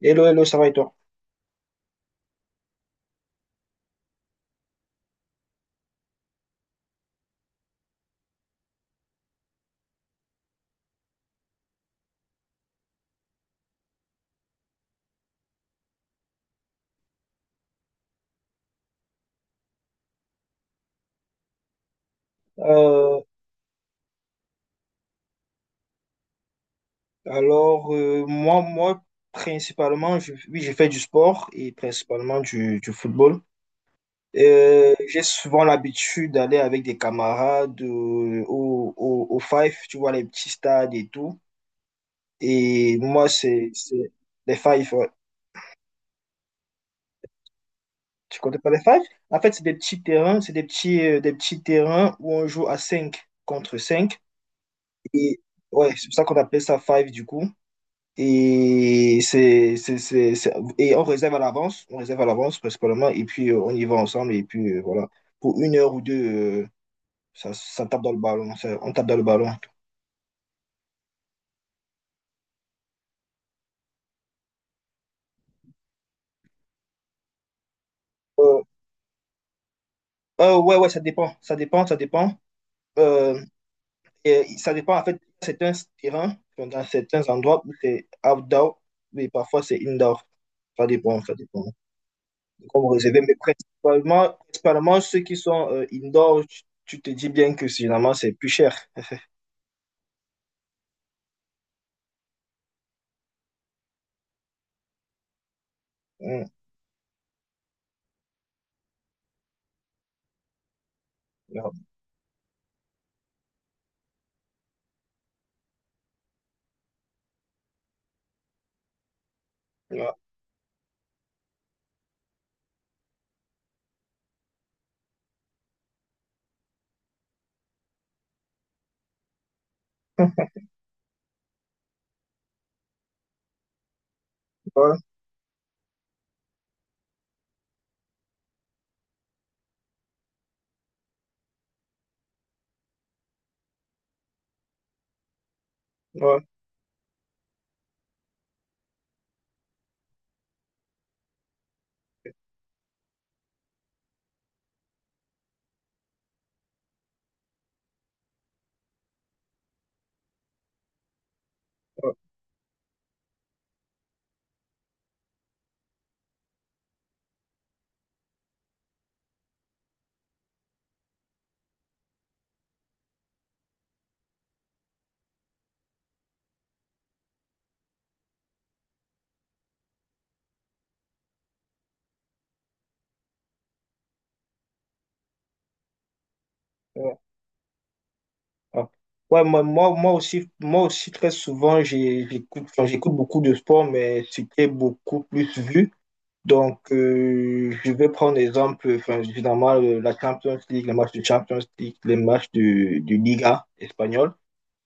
Hello, hello, ça va et toi? Euh, alors, principalement, oui, j'ai fait du sport et principalement du football. J'ai souvent l'habitude d'aller avec des camarades au Five, tu vois, les petits stades et tout. Et moi, c'est les Five, ouais. Tu connais pas les Five? En fait, c'est des petits terrains, c'est des petits terrains où on joue à 5 contre cinq. Et ouais, c'est pour ça qu'on appelle ça Five du coup. Et et on réserve à l'avance, on réserve à l'avance principalement, et puis on y va ensemble, et puis voilà. Pour une heure ou deux, euh, ça tape dans le ballon, ça- on tape dans le ballon. Euh, ouais, ouais, ça dépend, ça dépend, ça dépend. Euh, et ça dépend, en fait, certains terrains, enfin, dans certains endroits où c'est outdoor, mais parfois c'est indoor. Ça dépend, ça dépend. Comme réservé, mais principalement, principalement ceux qui sont indoor, tu te dis bien que finalement c'est plus cher. Mm. Ouais, ouais, ouais, ouais, ouais, ouais. Ouais, moi aussi, très souvent, j'écoute, enfin, j'écoute beaucoup de sport, mais c'était beaucoup plus vu. Donc, je vais prendre exemple, enfin, évidemment, la Champions League, les matchs de Champions League, les matchs de Liga espagnole.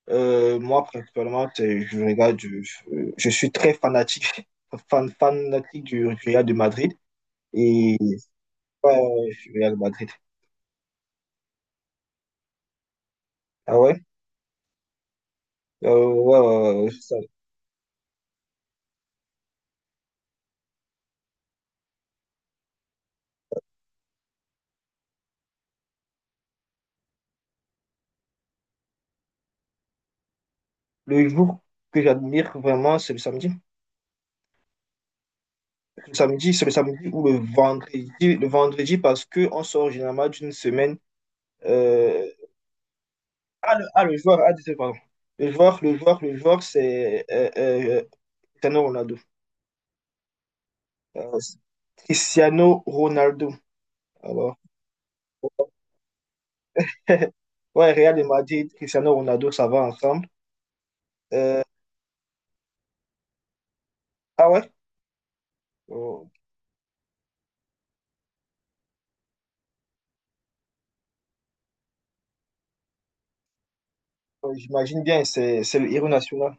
Moi, principalement, je regarde, je suis très fanatique du Real de Madrid. Et, ouais, ouais, ouais, je suis Real de Madrid. Ah ouais? Ouais, ouais, ouais, ouais. Le jour que j'admire vraiment, c'est le samedi. Le samedi, c'est le samedi ou le vendredi. Le vendredi, parce qu'on sort généralement d'une semaine. euh, Ah, le joueur, ah, désolé, pardon. Le joueur, c'est Cristiano Ronaldo. Euh, Cristiano Ronaldo. Alors, ouais, Real de Madrid, Cristiano Ronaldo, ça va ensemble. Euh, ah ouais? Oh, oh, j'imagine bien, c'est le héros national.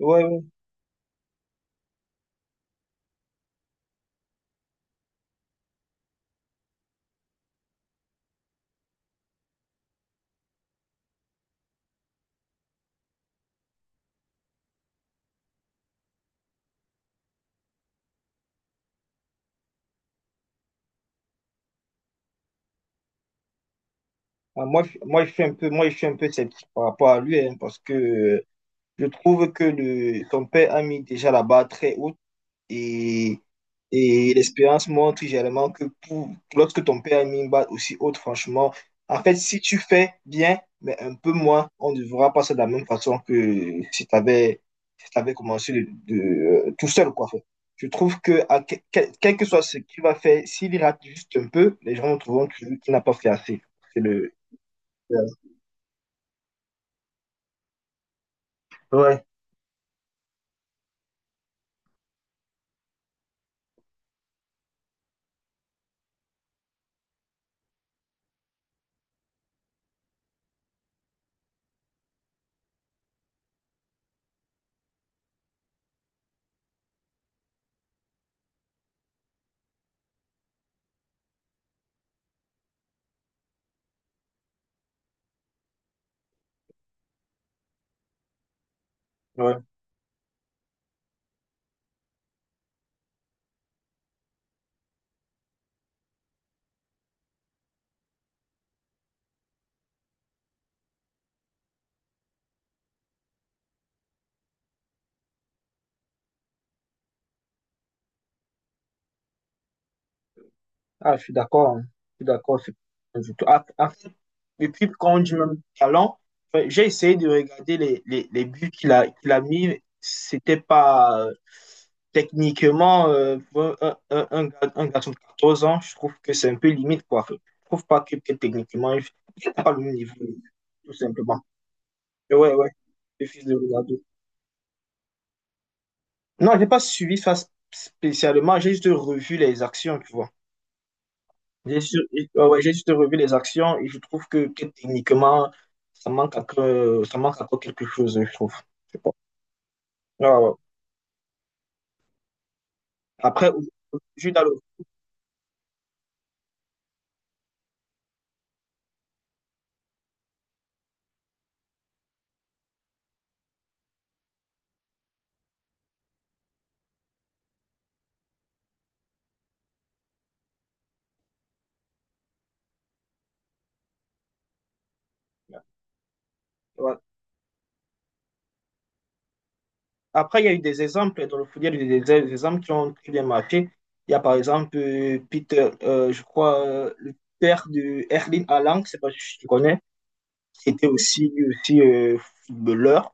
Ouais, ouais. Ah, je suis un peu sceptique par rapport à lui, hein, parce que je trouve que le, son père a mis déjà la barre très haute, et, et l'expérience montre également que pour, lorsque ton père a mis une barre aussi haute, franchement, en fait, si tu fais bien, mais un peu moins, on ne verra pas ça de la même façon que si tu avais, si t'avais commencé tout seul, quoi. Je trouve que, quel que soit ce qu'il va faire, s'il rate juste un peu, les gens trouveront toujours qu'il n'a pas fait assez. C'est le, ouais, ouais. Ah, je suis d'accord, hein. Je suis d'accord. C'est pas du tout. Ah, ah, depuis quand on dit même talent, enfin, j'ai essayé de regarder les buts qu'il a mis. C'était pas techniquement pour un garçon de 14 ans. Je trouve que c'est un peu limite, quoi. Je trouve pas que, que techniquement, il n'a pas le même niveau, tout simplement. Mais ouais, ouais. Je suis de regarder. Non, j'ai pas suivi ça spécialement. J'ai juste revu les actions, tu vois. Ouais, ouais, j'ai juste revu les actions et je trouve que techniquement, ça manque encore quelque chose, je trouve. Je sais pas. Ouais, ouais. Après, au- aujourd'hui, ouais. Après, il y a eu des exemples dans le foot, il y a eu des exemples qui ont très bien marché. Il y a par exemple Peter, je crois, le père de Erling Haaland, je sais pas si tu connais, qui était aussi, lui aussi footballeur,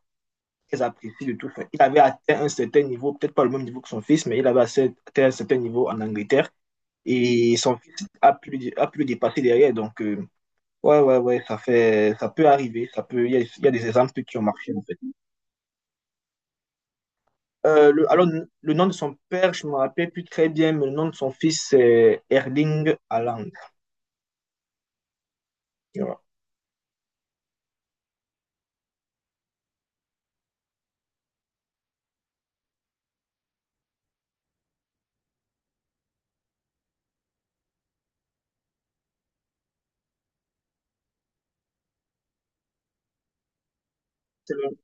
très apprécié de tout. Enfin, il avait atteint un certain niveau, peut-être pas le même niveau que son fils, mais il avait atteint un certain niveau en Angleterre, et son fils a pu, a pu le dépasser derrière. Donc, ouais, ouais, ouais, ça peut arriver. Ça peut, il y a des exemples qui ont marché, en fait. Alors, le nom de son père, je me rappelle plus très bien, mais le nom de son fils, c'est Erling Haaland. Tu vois. C'est le-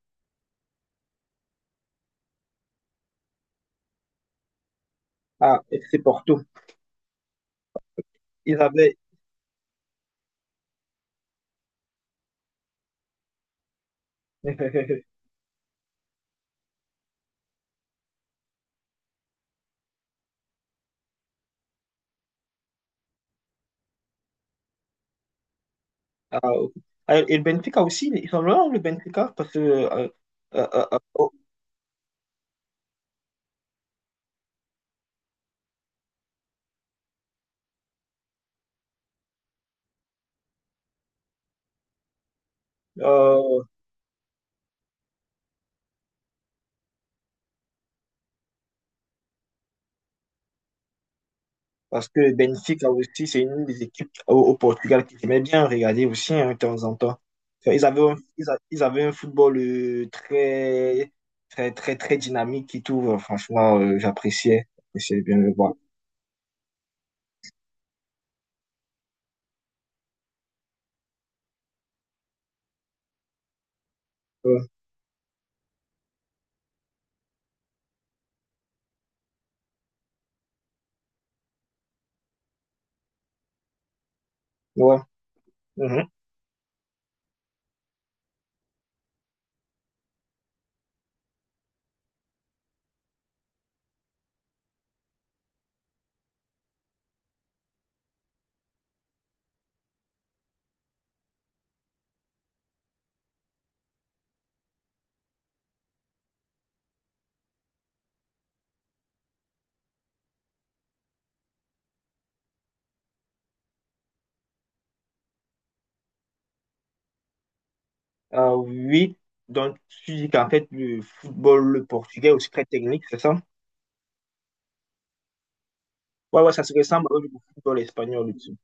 Ah, c'est Porto. Ils avaient. Ah, ok. Ah, et le Benfica aussi, ils sont là, le Benfica, parce que. Oh, euh, parce que Benfica aussi, c'est une des équipes au, au Portugal que j'aimais bien regarder aussi hein, de temps en temps. Enfin, ils avaient un, ils avaient un football très dynamique et tout. Franchement, j'appréciais. J'appréciais bien le voir. Euh, ouais. Mhm. Ah oui. Donc, tu dis qu'en fait, le football portugais est aussi très technique, c'est ça? Ouais, ouais, ça se ressemble au football espagnol aussi.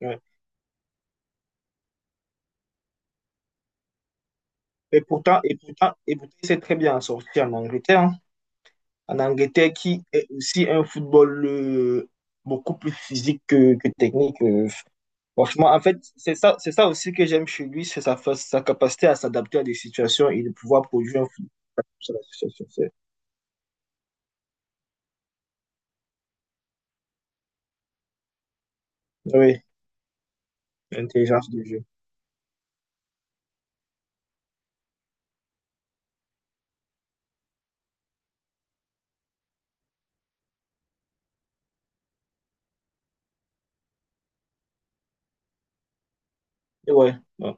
Ouais. Et pourtant, c'est très bien sorti en Angleterre, hein. En Angleterre, qui est aussi un football beaucoup plus physique que technique. Franchement, en fait, c'est ça aussi que j'aime chez lui, c'est sa capacité à s'adapter à des situations et de pouvoir produire un football sur la situation. Oui, l'intelligence du jeu. Et ouais, ouais.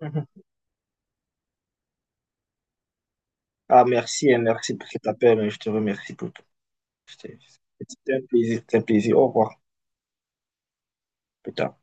Mhm. Ah, merci, et merci pour cet appel. Hein, je te remercie pour tout. C'était C'était un plaisir, c'était un plaisir. Au revoir. Plus tard.